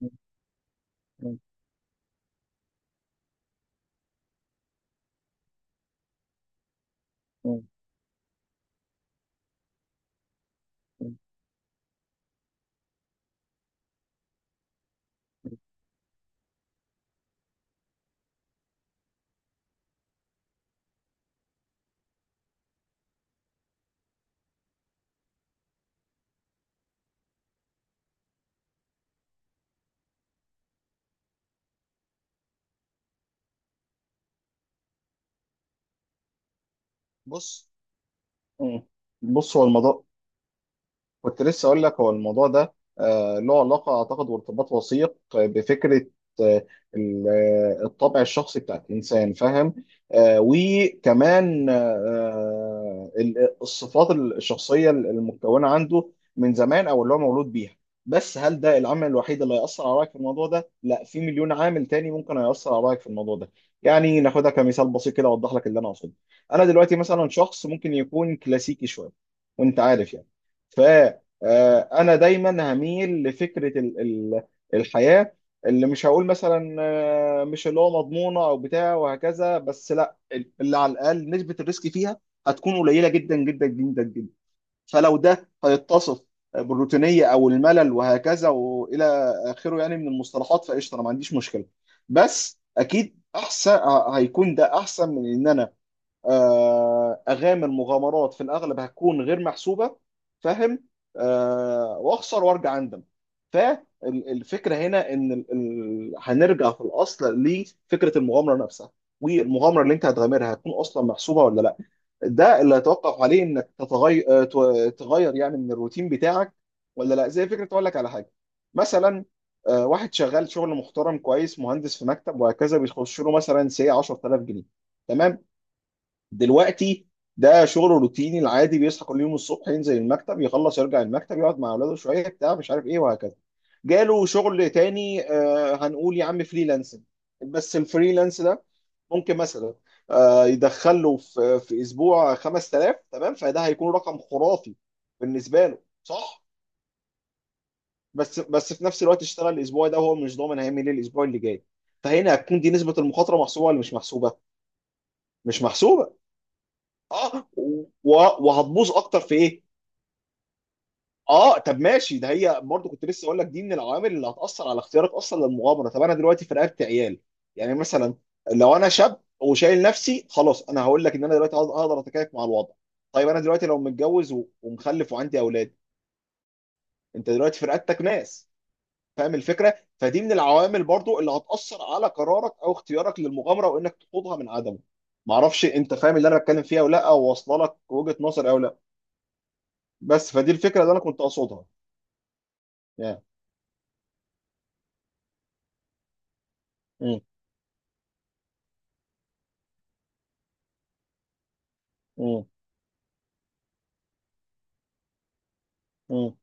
مم. مم. مم. بص. مم. بص، هو الموضوع، كنت لسه اقول لك هو الموضوع ده له علاقه اعتقد وارتباط وثيق بفكره آه، ال- الطبع الشخصي بتاع الانسان، فاهم؟ وكمان الصفات الشخصيه المتكونه عنده من زمان او اللي هو مولود بيها. بس هل ده العامل الوحيد اللي هيأثر على رأيك في الموضوع ده؟ لا، في مليون عامل تاني ممكن هيأثر على رأيك في الموضوع ده. يعني ناخدها كمثال بسيط كده، اوضح لك اللي انا اقصده. انا دلوقتي مثلا شخص ممكن يكون كلاسيكي شويه، وانت عارف يعني. انا دايما هميل لفكره الحياه اللي مش هقول مثلا مش اللي هو مضمونه او بتاع وهكذا، بس لا، اللي على الاقل نسبه الريسك فيها هتكون قليله جدا جدا جدا جدا. فلو ده هيتصف بالروتينيه او الملل وهكذا والى اخره يعني من المصطلحات، فقشطه، انا ما عنديش مشكله. بس اكيد احسن، هيكون ده احسن من ان انا اغامر مغامرات في الاغلب هتكون غير محسوبه، فاهم، واخسر وارجع اندم. فالفكره هنا ان هنرجع في الاصل لفكره المغامره نفسها. والمغامره اللي انت هتغامرها هتكون اصلا محسوبه ولا لا؟ ده اللي هيتوقف عليه انك تتغير، تغير يعني من الروتين بتاعك، ولا لا. زي فكره، اقول لك على حاجه. مثلا واحد شغال شغل محترم كويس، مهندس في مكتب وهكذا، بيخش له مثلا سي 10,000 جنيه، تمام؟ دلوقتي ده شغله روتيني العادي، بيصحى كل يوم الصبح ينزل المكتب، يخلص يرجع المكتب، يقعد مع اولاده شويه، بتاع مش عارف ايه وهكذا. جاله شغل تاني، هنقول يا عم فريلانسنج. بس الفريلانس ده ممكن مثلا يدخل له في اسبوع 5000، تمام؟ فده هيكون رقم خرافي بالنسبه له، صح؟ بس في نفس الوقت، اشتغل الاسبوع ده وهو مش ضامن هيعمل ايه الاسبوع اللي جاي. فهنا هتكون دي، نسبه المخاطره محسوبه ولا مش محسوبه؟ مش محسوبه. اه. و- وهتبوظ اكتر في ايه؟ اه، طب ماشي، ده هي برضه كنت لسه اقول لك، دي من العوامل اللي هتاثر على اختيارك اصلا للمغامره. طب انا دلوقتي في رقبتي عيال، يعني مثلا. لو انا شاب وشايل نفسي، خلاص انا هقول لك ان انا دلوقتي هقدر اتكيف مع الوضع. طيب انا دلوقتي لو متجوز ومخلف وعندي اولاد، انت دلوقتي في رقبتك ناس. فاهم الفكره؟ فدي من العوامل برضه اللي هتاثر على قرارك او اختيارك للمغامره، وانك تخوضها من عدمه. معرفش انت فاهم اللي انا بتكلم فيها ولا لا، او واصله لك وجهه نظري او لا. بس فدي الفكره اللي انا كنت اقصدها، يعني. مم. مم. مم.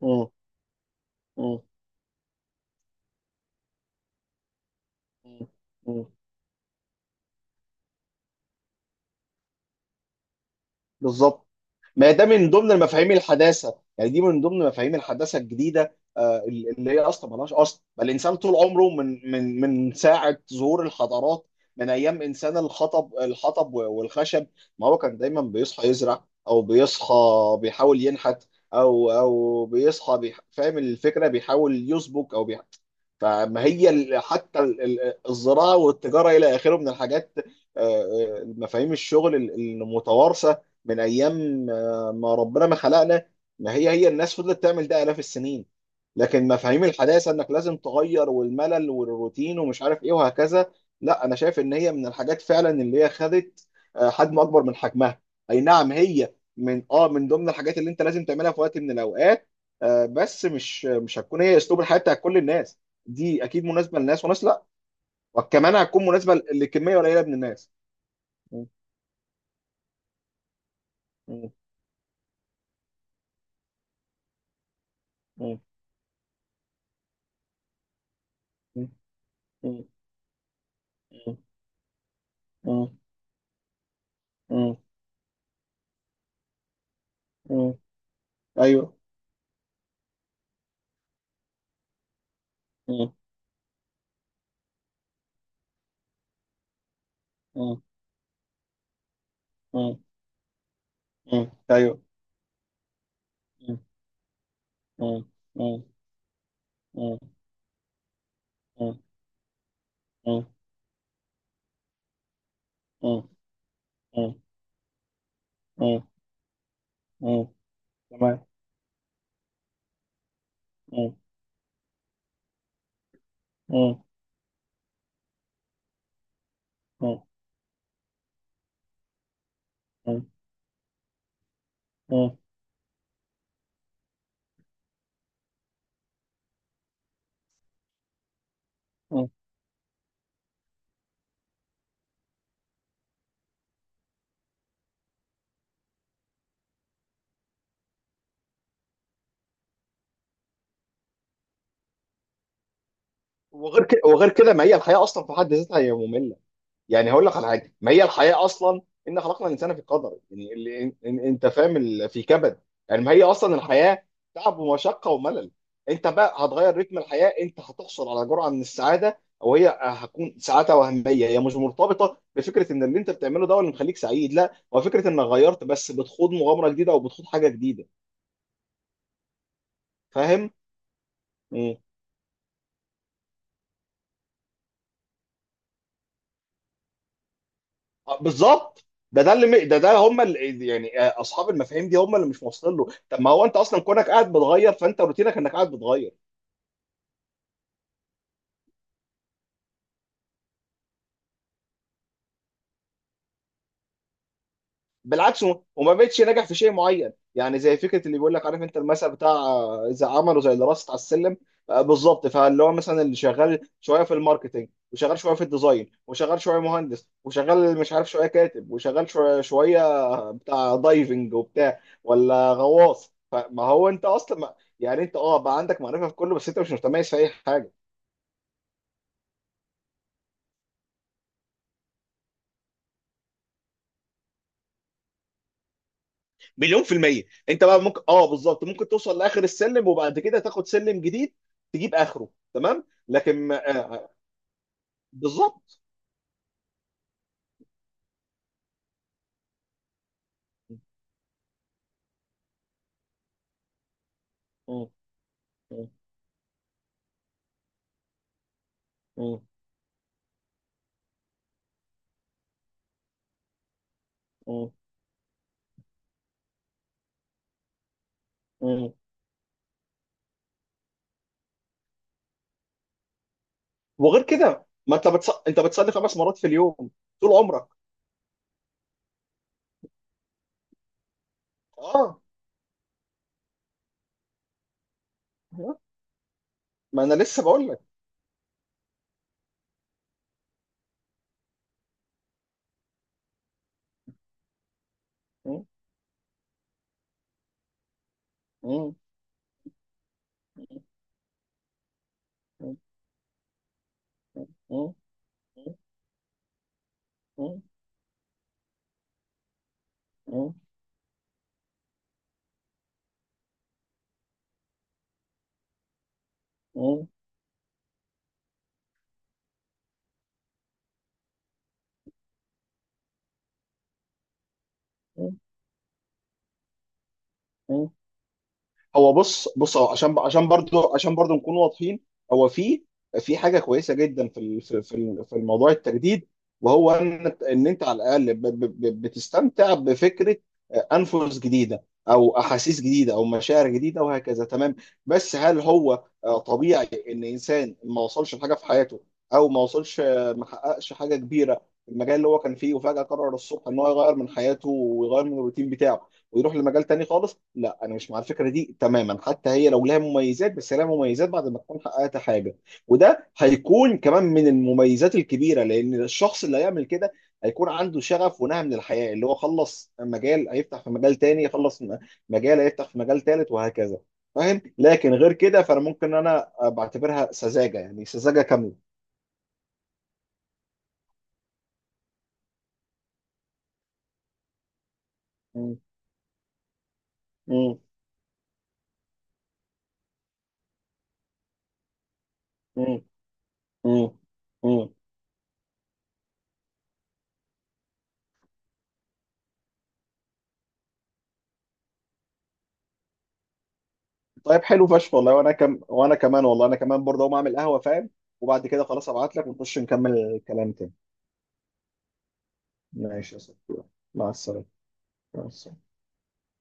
مم. مم. مم. بالظبط. ما ده من ضمن المفاهيم الحداثه، يعني دي من ضمن مفاهيم الحداثه الجديده، اللي هي اصلا ملهاش اصل، بل الانسان طول عمره من ساعه ظهور الحضارات، من ايام انسان الحطب والخشب، ما هو كان دايما بيصحى يزرع، او بيصحى بيحاول ينحت، او بيصحى فاهم الفكره، بيحاول يسبك او فما هي حتى الزراعه والتجاره الى اخره من الحاجات، آه، مفاهيم الشغل المتوارثه من ايام لما ربنا ما خلقنا. ما هي، هي الناس فضلت تعمل ده آلاف السنين. لكن مفاهيم الحداثة انك لازم تغير والملل والروتين ومش عارف ايه وهكذا، لا، انا شايف ان هي من الحاجات فعلا اللي هي خدت حجم اكبر من حجمها. اي نعم، هي من، اه، من ضمن الحاجات اللي انت لازم تعملها في وقت من الاوقات، بس مش هتكون هي اسلوب الحياة بتاع كل الناس. دي اكيد مناسبة لناس وناس لا، وكمان هتكون مناسبة لكمية قليلة من الناس. م- م- م- م- م- م- م- م- ايوه. مم. مم. مم. مم. ايوه. مم. مم. مم. مم. مم. مم. مم. مم. مم. مم. تمام. مم. مم. مم. مم. مم. وغير كده، ما هي الحياه اصلا في حد ذاتها هي ممله. يعني هقول لك على حاجه، ما هي الحياه اصلا، ان خلقنا الانسان في قدر، يعني اللي انت فاهم، في كبد. يعني ما هي اصلا الحياه، تعب ومشقه وملل. انت بقى هتغير رتم الحياه، انت هتحصل على جرعه من السعاده، او هي هتكون سعاده وهميه، هي مش مرتبطه بفكره ان اللي انت بتعمله ده هو اللي مخليك سعيد، لا، هو فكره انك غيرت، بس بتخوض مغامره جديده او بتخوض حاجه جديده. فاهم؟ بالظبط. ده هم اللي، يعني اصحاب المفاهيم دي هم اللي مش واصلين له. طب ما هو انت اصلا كونك قاعد بتغير، فانت روتينك انك قاعد بتغير. بالعكس، وما بقتش ناجح في شيء معين. يعني زي فكره اللي بيقول لك، عارف انت المثل بتاع اذا عملوا زي اللي راست على السلم. بالظبط. فاللي هو مثلا، اللي شغال شويه في الماركتينج، وشغال شويه في الديزاين، وشغال شويه مهندس، وشغال مش عارف شويه كاتب، وشغال شويه شويه بتاع دايفنج وبتاع، ولا غواص، فما هو انت اصلا ما، يعني انت اه، بقى عندك معرفه في كله، بس انت مش متميز في اي حاجه. مليون في المية. انت بقى ممكن، اه، بالظبط، ممكن توصل لاخر السلم وبعد كده تاخد سلم جديد، تجيب اخره، تمام، لكن آه، بالظبط. م- م- م- م- م. وغير كده، ما انت انت بتصلي 5 مرات في اليوم طول عمرك. اه، ما انا لسه بقول لك. م- م- م- م- م- م- م- م- م- هو، بص بص، اه عشان، عشان برضو نكون واضحين، هو في حاجه كويسه جدا في الموضوع التجديد، وهو ان انت على الاقل بتستمتع بفكره انفس جديده او احاسيس جديده او مشاعر جديده وهكذا، تمام. بس هل هو طبيعي ان انسان ما وصلش لحاجه في حياته، او ما وصلش ما حققش حاجه كبيره في المجال اللي هو كان فيه، وفجاه قرر الصبح ان هو يغير من حياته ويغير من الروتين بتاعه ويروح لمجال تاني خالص. لا، انا مش مع الفكره دي تماما، حتى هي لو لها مميزات، بس لها مميزات بعد ما تكون حققت حاجه. وده هيكون كمان من المميزات الكبيره، لان الشخص اللي هيعمل كده هيكون عنده شغف ونهى من الحياه، اللي هو خلص مجال هيفتح في مجال تاني، خلص مجال هيفتح في مجال تالت وهكذا. فاهم. لكن غير كده فانا ممكن انا بعتبرها سذاجه، يعني سذاجه كامله. م- م- م- م- م. طيب، حلو فشخ والله. وانا وانا كمان، والله انا كمان برضه اقوم اعمل قهوه، فاهم، وبعد كده خلاص ابعت لك ونخش نكمل الكلام تاني. ماشي يا صاحبي. مع السلامه. مع السلامه.